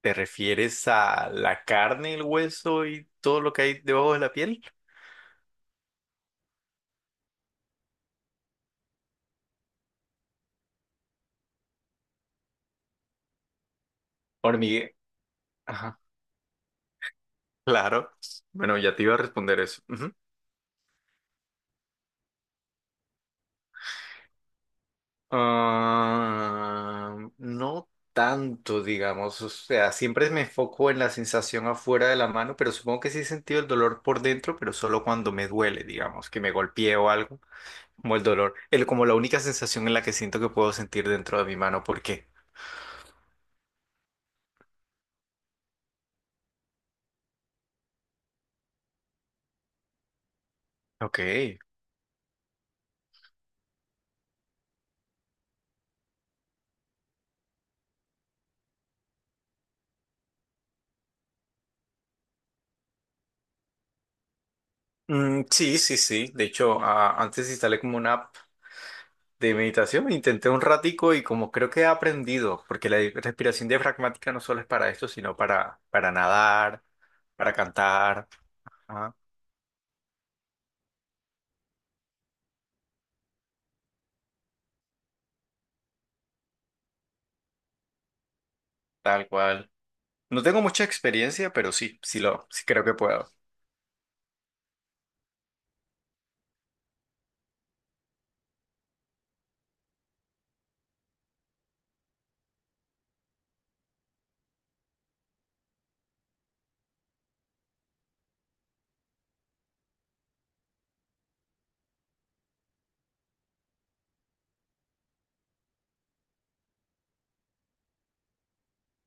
¿Te refieres a la carne, el hueso y todo lo que hay debajo de la piel? Hormigue. Ajá. Claro. Bueno, ya te iba a responder eso. Ujú. Ah, no tanto, digamos. O sea, siempre me enfoco en la sensación afuera de la mano, pero supongo que sí he sentido el dolor por dentro, pero solo cuando me duele, digamos, que me golpeé o algo, como el dolor, el, como la única sensación en la que siento que puedo sentir dentro de mi mano. ¿Por qué? Ok. Mm, sí, sí, sí. De hecho, antes instalé como una app de meditación, intenté un ratico y como creo que he aprendido, porque la respiración diafragmática no solo es para esto, sino para nadar, para cantar, ajá, tal cual. No tengo mucha experiencia, pero sí, sí creo que puedo.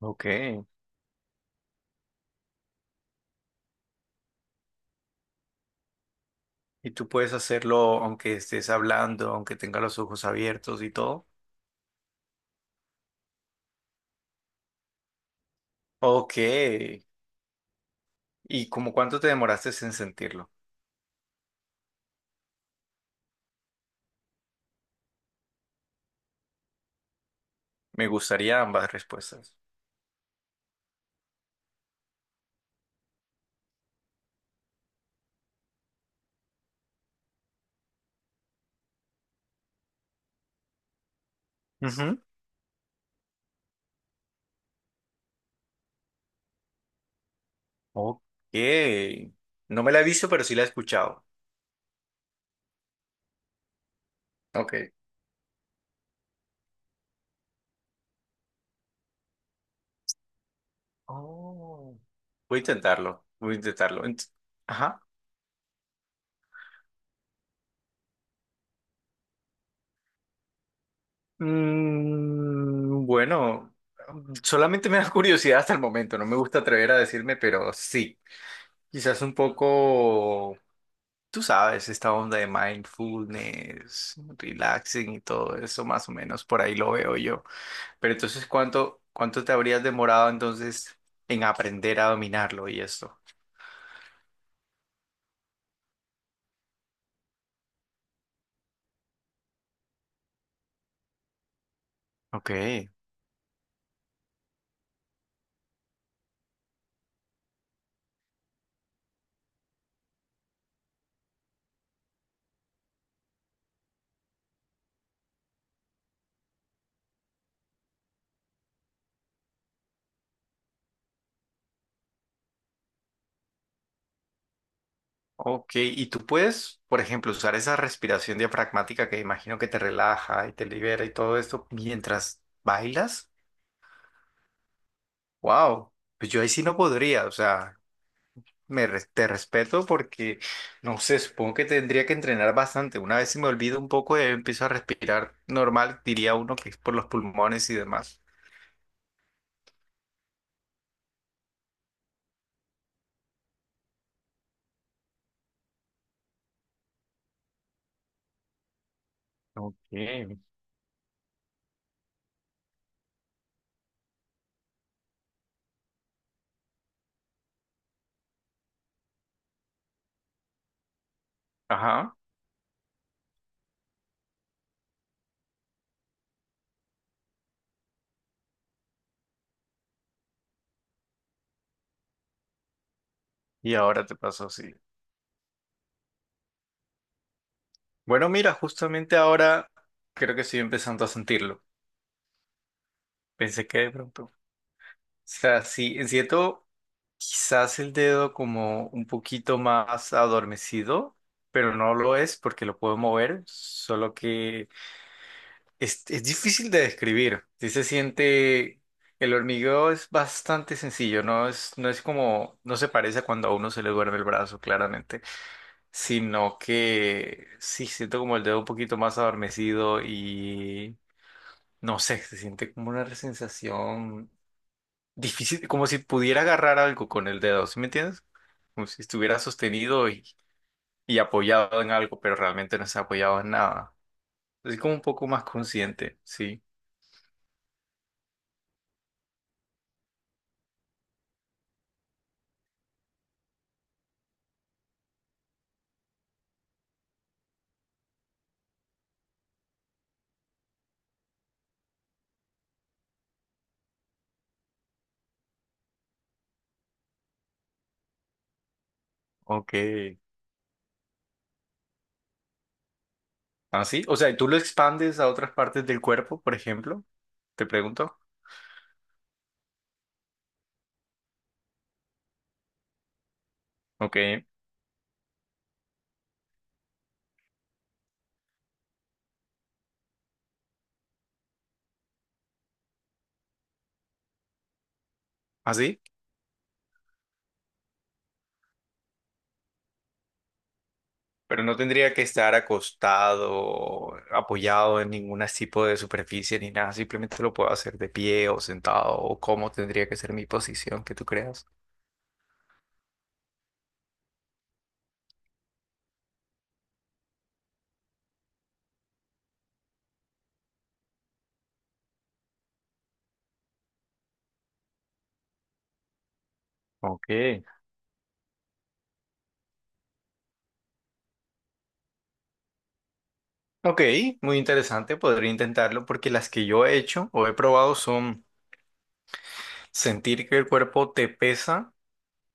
Ok. ¿Y tú puedes hacerlo aunque estés hablando, aunque tengas los ojos abiertos y todo? Ok. ¿Y como cuánto te demoraste en sentirlo? Me gustaría ambas respuestas. Ok. No me la he visto, pero sí la he escuchado. Ok. Oh. Voy a intentarlo. Voy a intentarlo. Ent- Ajá. Mm, bueno, solamente me da curiosidad hasta el momento. No me gusta atrever a decirme, pero sí. Quizás un poco, tú sabes, esta onda de mindfulness, relaxing y todo eso, más o menos, por ahí lo veo yo. Pero entonces, ¿cuánto te habrías demorado entonces en aprender a dominarlo y esto? Ok. Ok, y tú puedes, por ejemplo, usar esa respiración diafragmática que imagino que te relaja y te libera y todo esto mientras bailas. Wow, pues yo ahí sí no podría, o sea, te respeto porque no sé, supongo que tendría que entrenar bastante. Una vez se me olvida un poco y empiezo a respirar normal, diría uno que es por los pulmones y demás. Ok, ajá, y ahora te pasó así. Bueno, mira, justamente ahora creo que estoy empezando a sentirlo. Pensé que de pronto sea, sí, siento quizás el dedo como un poquito más adormecido, pero no lo es porque lo puedo mover, solo que es difícil de describir. Sí se siente, el hormigueo es bastante sencillo, no es como, no se parece a cuando a uno se le duerme el brazo, claramente, sino que sí siento como el dedo un poquito más adormecido y no sé, se siente como una sensación difícil, como si pudiera agarrar algo con el dedo, ¿sí me entiendes? Como si estuviera sostenido y apoyado en algo, pero realmente no se ha apoyado en nada. Así como un poco más consciente, sí. Ok. Así, o sea, ¿tú lo expandes a otras partes del cuerpo, por ejemplo? Te pregunto. Ok. Así, pero no tendría que estar acostado, apoyado en ningún tipo de superficie ni nada. Simplemente lo puedo hacer de pie o sentado o cómo tendría que ser mi posición que tú creas. Ok. Ok, muy interesante, podría intentarlo porque las que yo he hecho o he probado son sentir que el cuerpo te pesa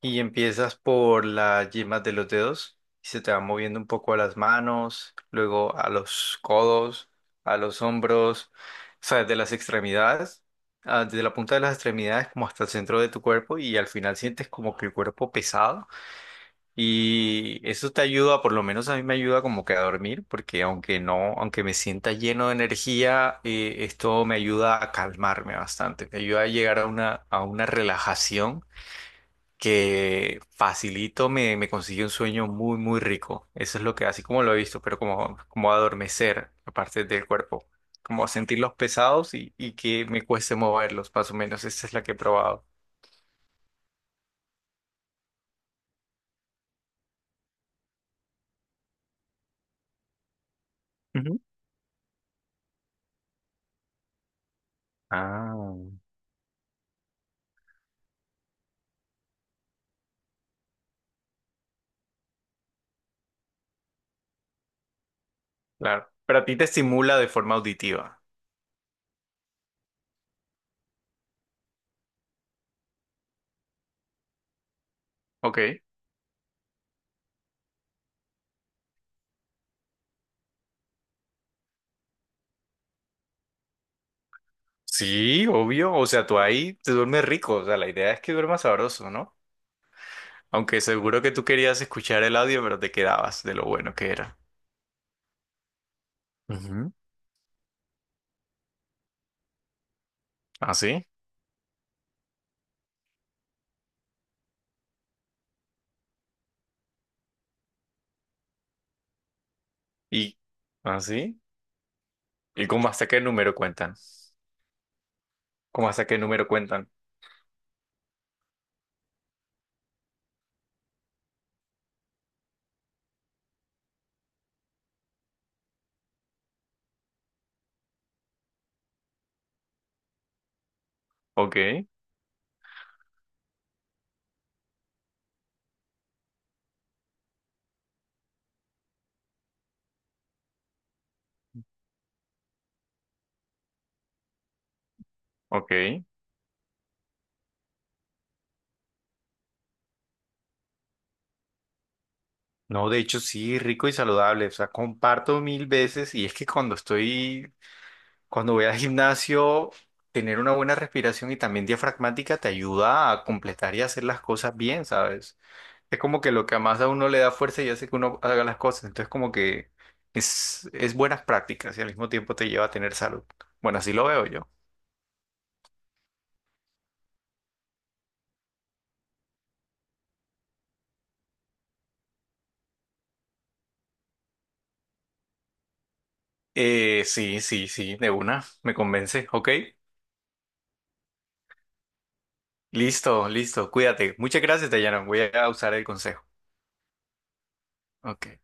y empiezas por las yemas de los dedos y se te va moviendo un poco a las manos, luego a los codos, a los hombros, o sea, desde las extremidades, ah, desde la punta de las extremidades como hasta el centro de tu cuerpo y al final sientes como que el cuerpo pesado y eso te ayuda, por lo menos a mí me ayuda como que a dormir, porque aunque no, aunque me sienta lleno de energía, esto me ayuda a calmarme bastante, me ayuda a llegar a una relajación que facilito, me consigue un sueño muy, muy rico. Eso es lo que, así como lo he visto, pero como, como adormecer la parte del cuerpo, como sentirlos pesados y que me cueste moverlos, más o menos. Esa es la que he probado. Ujú. Ah, claro. Pero a ti te estimula de forma auditiva. Ok. Sí, obvio. O sea, tú ahí te duermes rico. O sea, la idea es que duermas sabroso, ¿no? Aunque seguro que tú querías escuchar el audio, pero te quedabas de lo bueno que era. Ujú. ¿Así? ¿Y así? ¿Y cómo hasta qué número cuentan? ¿Cómo hasta qué número cuentan? Ok, ok. No, de hecho sí, rico y saludable. O sea, comparto 1000 veces. Y es que cuando estoy, cuando voy al gimnasio, tener una buena respiración y también diafragmática te ayuda a completar y hacer las cosas bien, ¿sabes? Es como que lo que más a uno le da fuerza y hace que uno haga las cosas. Entonces, como que es buenas prácticas y al mismo tiempo te lleva a tener salud. Bueno, así lo veo yo. Sí, sí, sí, de una, me convence. Ok, listo, listo, cuídate. Muchas gracias, Dayana. Voy a usar el consejo. Ok.